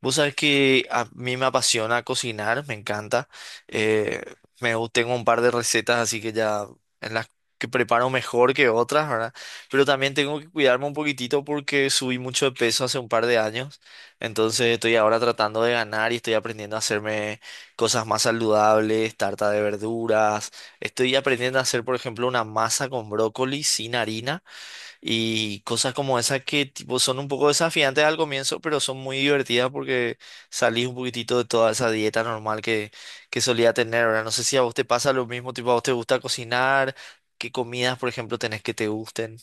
Vos sabés que a mí me apasiona cocinar, me encanta. Eh, Tengo un par de recetas así que ya en las, que preparo mejor que otras, ¿verdad? Pero también tengo que cuidarme un poquitito porque subí mucho de peso hace un par de años. Entonces estoy ahora tratando de ganar y estoy aprendiendo a hacerme cosas más saludables, tarta de verduras. Estoy aprendiendo a hacer, por ejemplo, una masa con brócoli sin harina y cosas como esas que tipo son un poco desafiantes al comienzo, pero son muy divertidas porque salís un poquitito de toda esa dieta normal que solía tener. Ahora, no sé si a vos te pasa lo mismo, tipo a vos te gusta cocinar, qué comidas, por ejemplo, tenés que te gusten.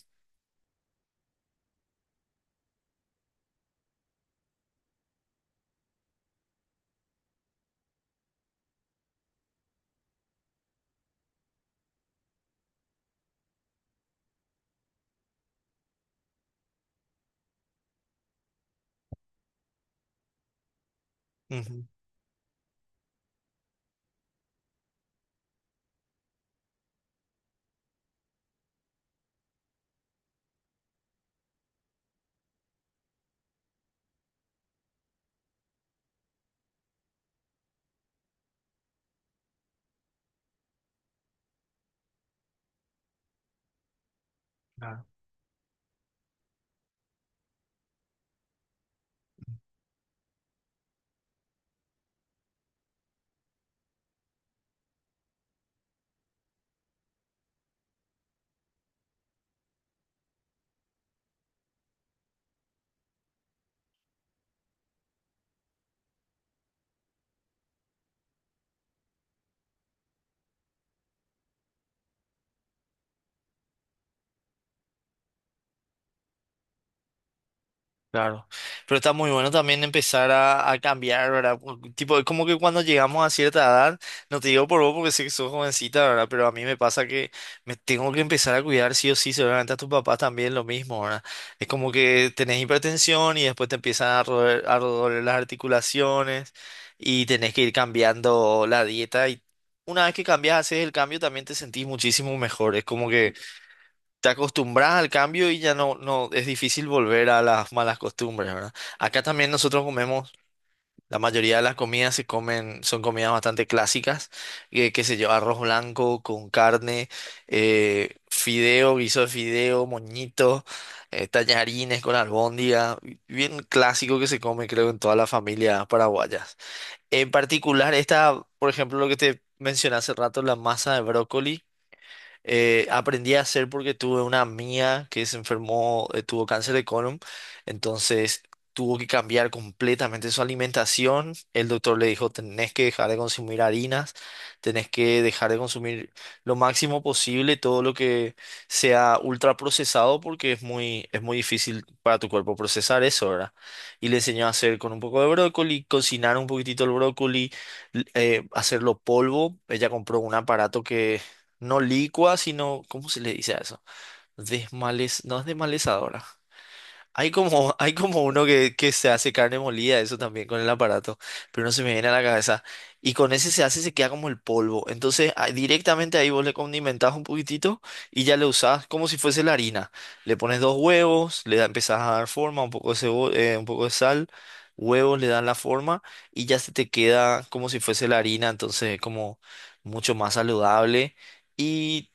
Ujú. Claro, pero está muy bueno también empezar a cambiar, ¿verdad? Por- tipo, es como que cuando llegamos a cierta edad, no te digo por vos porque sé que sos jovencita, ¿verdad? Pero a mí me pasa que me tengo que empezar a cuidar sí o sí, seguramente a tus papás también lo mismo, ¿verdad? Es como que tenés hipertensión y después te empiezan a roer- a doler las articulaciones y tenés que ir cambiando la dieta y una vez que cambias, haces el cambio, también te sentís muchísimo mejor, es como que te acostumbras al cambio y ya no es difícil volver a las malas costumbres, ¿verdad? Acá también nosotros comemos, la mayoría de las comidas se comen, son comidas bastante clásicas, que qué sé yo, arroz blanco con carne, fideo, guiso de fideo, moñito, tallarines con albóndiga, bien clásico que se come creo en toda la familia paraguayas. En particular esta, por ejemplo, lo que te mencioné hace rato, la masa de brócoli. Aprendí a hacer porque tuve una amiga que se enfermó, tuvo cáncer de colon, entonces tuvo que cambiar completamente su alimentación. El doctor le dijo, tenés que dejar de consumir harinas, tenés que dejar de consumir lo máximo posible todo lo que sea ultraprocesado porque es muy difícil para tu cuerpo procesar eso, ¿verdad? Y le enseñó a hacer con un poco de brócoli, cocinar un poquitito el brócoli, hacerlo polvo. Ella compró un aparato que no licua, sino, ¿cómo se le dice a eso? Desmales, no es desmalezadora. Hay como, hay como uno que se hace carne molida, eso también con el aparato, pero no se me viene a la cabeza. Y con ese se hace, se queda como el polvo. Entonces, ah, directamente ahí vos le condimentás un poquitito y ya le usás como si fuese la harina. Le pones dos huevos, le da, empezás a dar forma, un poco de sal, huevos le dan la forma y ya se te queda como si fuese la harina, entonces como mucho más saludable. Y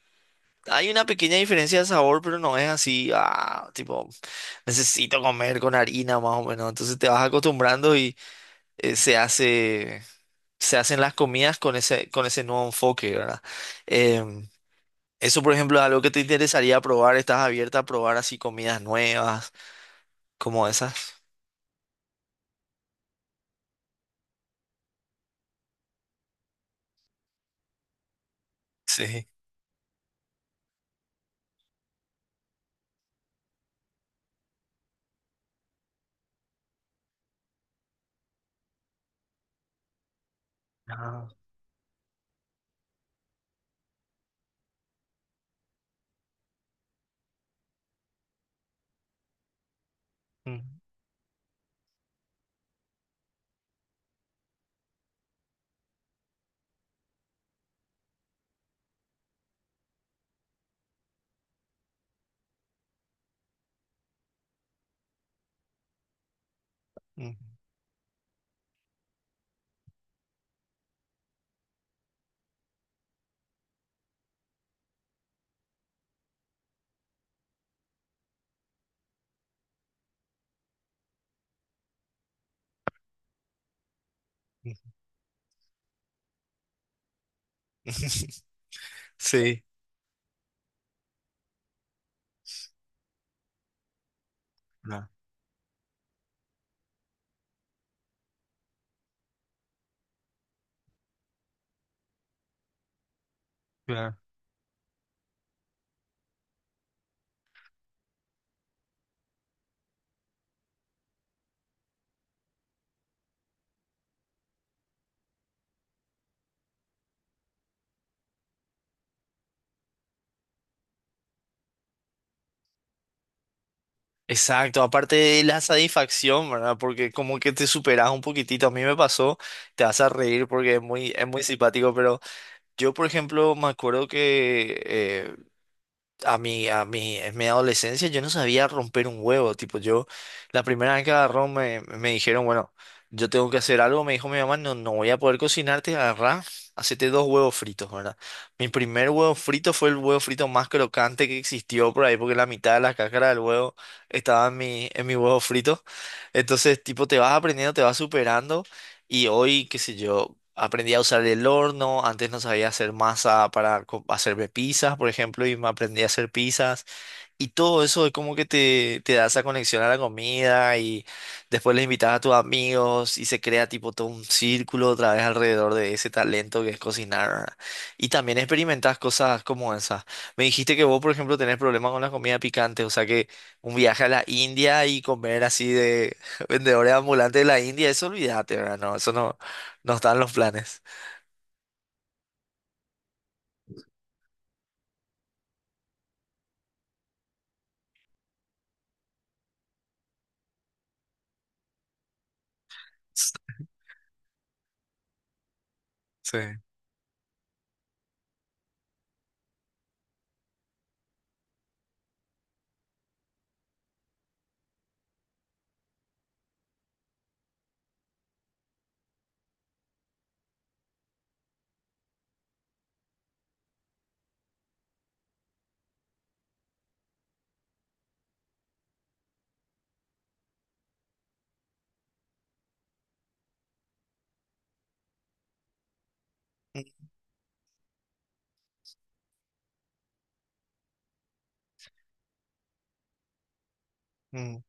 hay una pequeña diferencia de sabor, pero no es así, ah, tipo, necesito comer con harina más o menos. Entonces te vas acostumbrando y eh, se hace, se hacen las comidas con ese nuevo enfoque, ¿verdad? Em, Eso, por ejemplo, es algo que te interesaría probar. ¿Estás abierta a probar así comidas nuevas, como esas? Sí. Ah, mm, mm, mm. Sí. Claro, exacto, aparte de la satisfacción, ¿verdad? Porque como que te superas un poquitito, a mí me pasó, te vas a reír porque es muy simpático, pero yo, por ejemplo, me acuerdo que en mi adolescencia yo no sabía romper un huevo, tipo yo, la primera vez que agarró me, me dijeron, bueno, yo tengo que hacer algo, me dijo mi mamá, no, no voy a poder cocinarte, agarrá, hacete dos huevos fritos, ¿verdad? Mi primer huevo frito fue el huevo frito más crocante que existió por ahí, porque la mitad de la cáscara del huevo estaba en mi huevo frito, entonces tipo te vas aprendiendo, te vas superando. Y hoy, qué sé yo, aprendí a usar el horno, antes no sabía hacer masa para co- hacerme pizzas, por ejemplo, y me aprendí a hacer pizzas. Y todo eso es como que te da esa conexión a la comida y después les invitas a tus amigos y se crea tipo todo un círculo otra vez alrededor de ese talento que es cocinar, ¿verdad? Y también experimentas cosas como esas. Me dijiste que vos, por ejemplo, tenés problemas con la comida picante, o sea que un viaje a la India y comer así de vendedores ambulantes de la India, eso olvídate, ¿verdad? No, eso no, no está en los planes. Sí. Mm.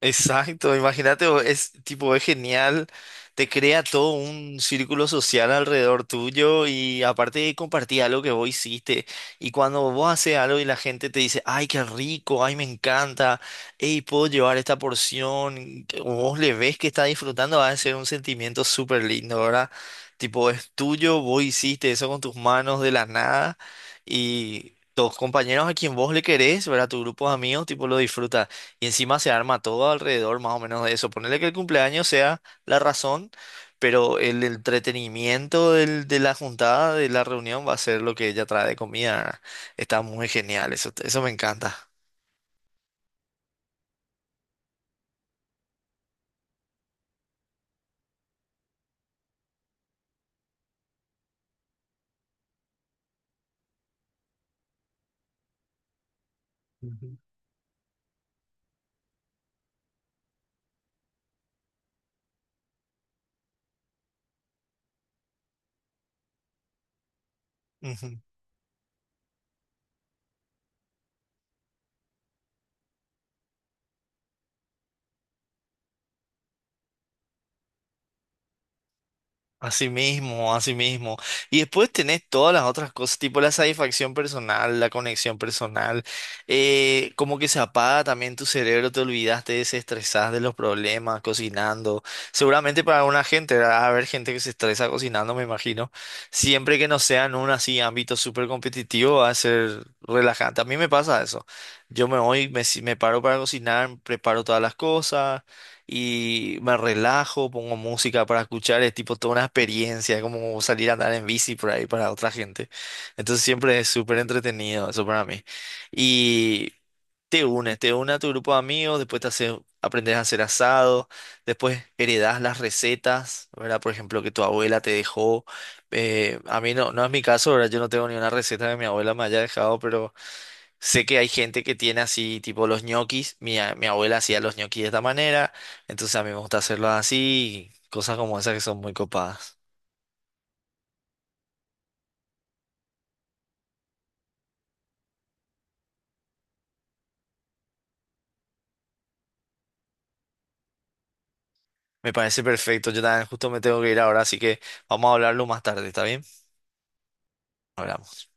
Exacto, imagínate, o- es tipo, es genial, te crea todo un círculo social alrededor tuyo y aparte compartí algo que vos hiciste y cuando vos haces algo y la gente te dice, ay, qué rico, ay, me encanta, hey, puedo llevar esta porción, que vos le ves que está disfrutando, va a ser un sentimiento súper lindo, ¿verdad? Tipo, es tuyo, vos hiciste eso con tus manos de la nada y... tus compañeros a quien vos le querés, ¿verdad? Tu grupo de amigos, tipo, lo disfruta. Y encima se arma todo alrededor más o menos de eso. Ponerle que el cumpleaños sea la razón, pero el entretenimiento del- de la juntada, de la reunión, va a ser lo que ella trae de comida. Está muy genial, eso me encanta. Ujú. Ujú. Así mismo, así mismo. Y después tenés todas las otras cosas, tipo la satisfacción personal, la conexión personal, como que se apaga también tu cerebro, te olvidas, te desestresás de los problemas cocinando. Seguramente para alguna gente, ¿verdad?, va a haber gente que se estresa cocinando, me imagino. Siempre que no sea en un así ámbito súper competitivo, va a ser relajante. A mí me pasa eso. Yo me voy, me, si- me paro para cocinar, preparo todas las cosas y me relajo, pongo música para escuchar, es tipo toda una experiencia, como salir a andar en bici por ahí para otra gente. Entonces siempre es súper entretenido eso para mí. Y te unes, te une a tu grupo de amigos, después te hace, aprendes a hacer asado, después heredas las recetas, ¿verdad? Por ejemplo, que tu abuela te dejó. A mí no es mi caso, ¿verdad? Yo no tengo ni una receta que mi abuela me haya dejado. Sé que hay gente que tiene así, tipo los ñoquis. Mi abuela hacía los ñoquis de esta manera, entonces a mí me gusta hacerlos así, y cosas como esas que son muy copadas. Me parece perfecto. Yo también justo me tengo que ir ahora, así que vamos a hablarlo más tarde, ¿está bien? Hablamos.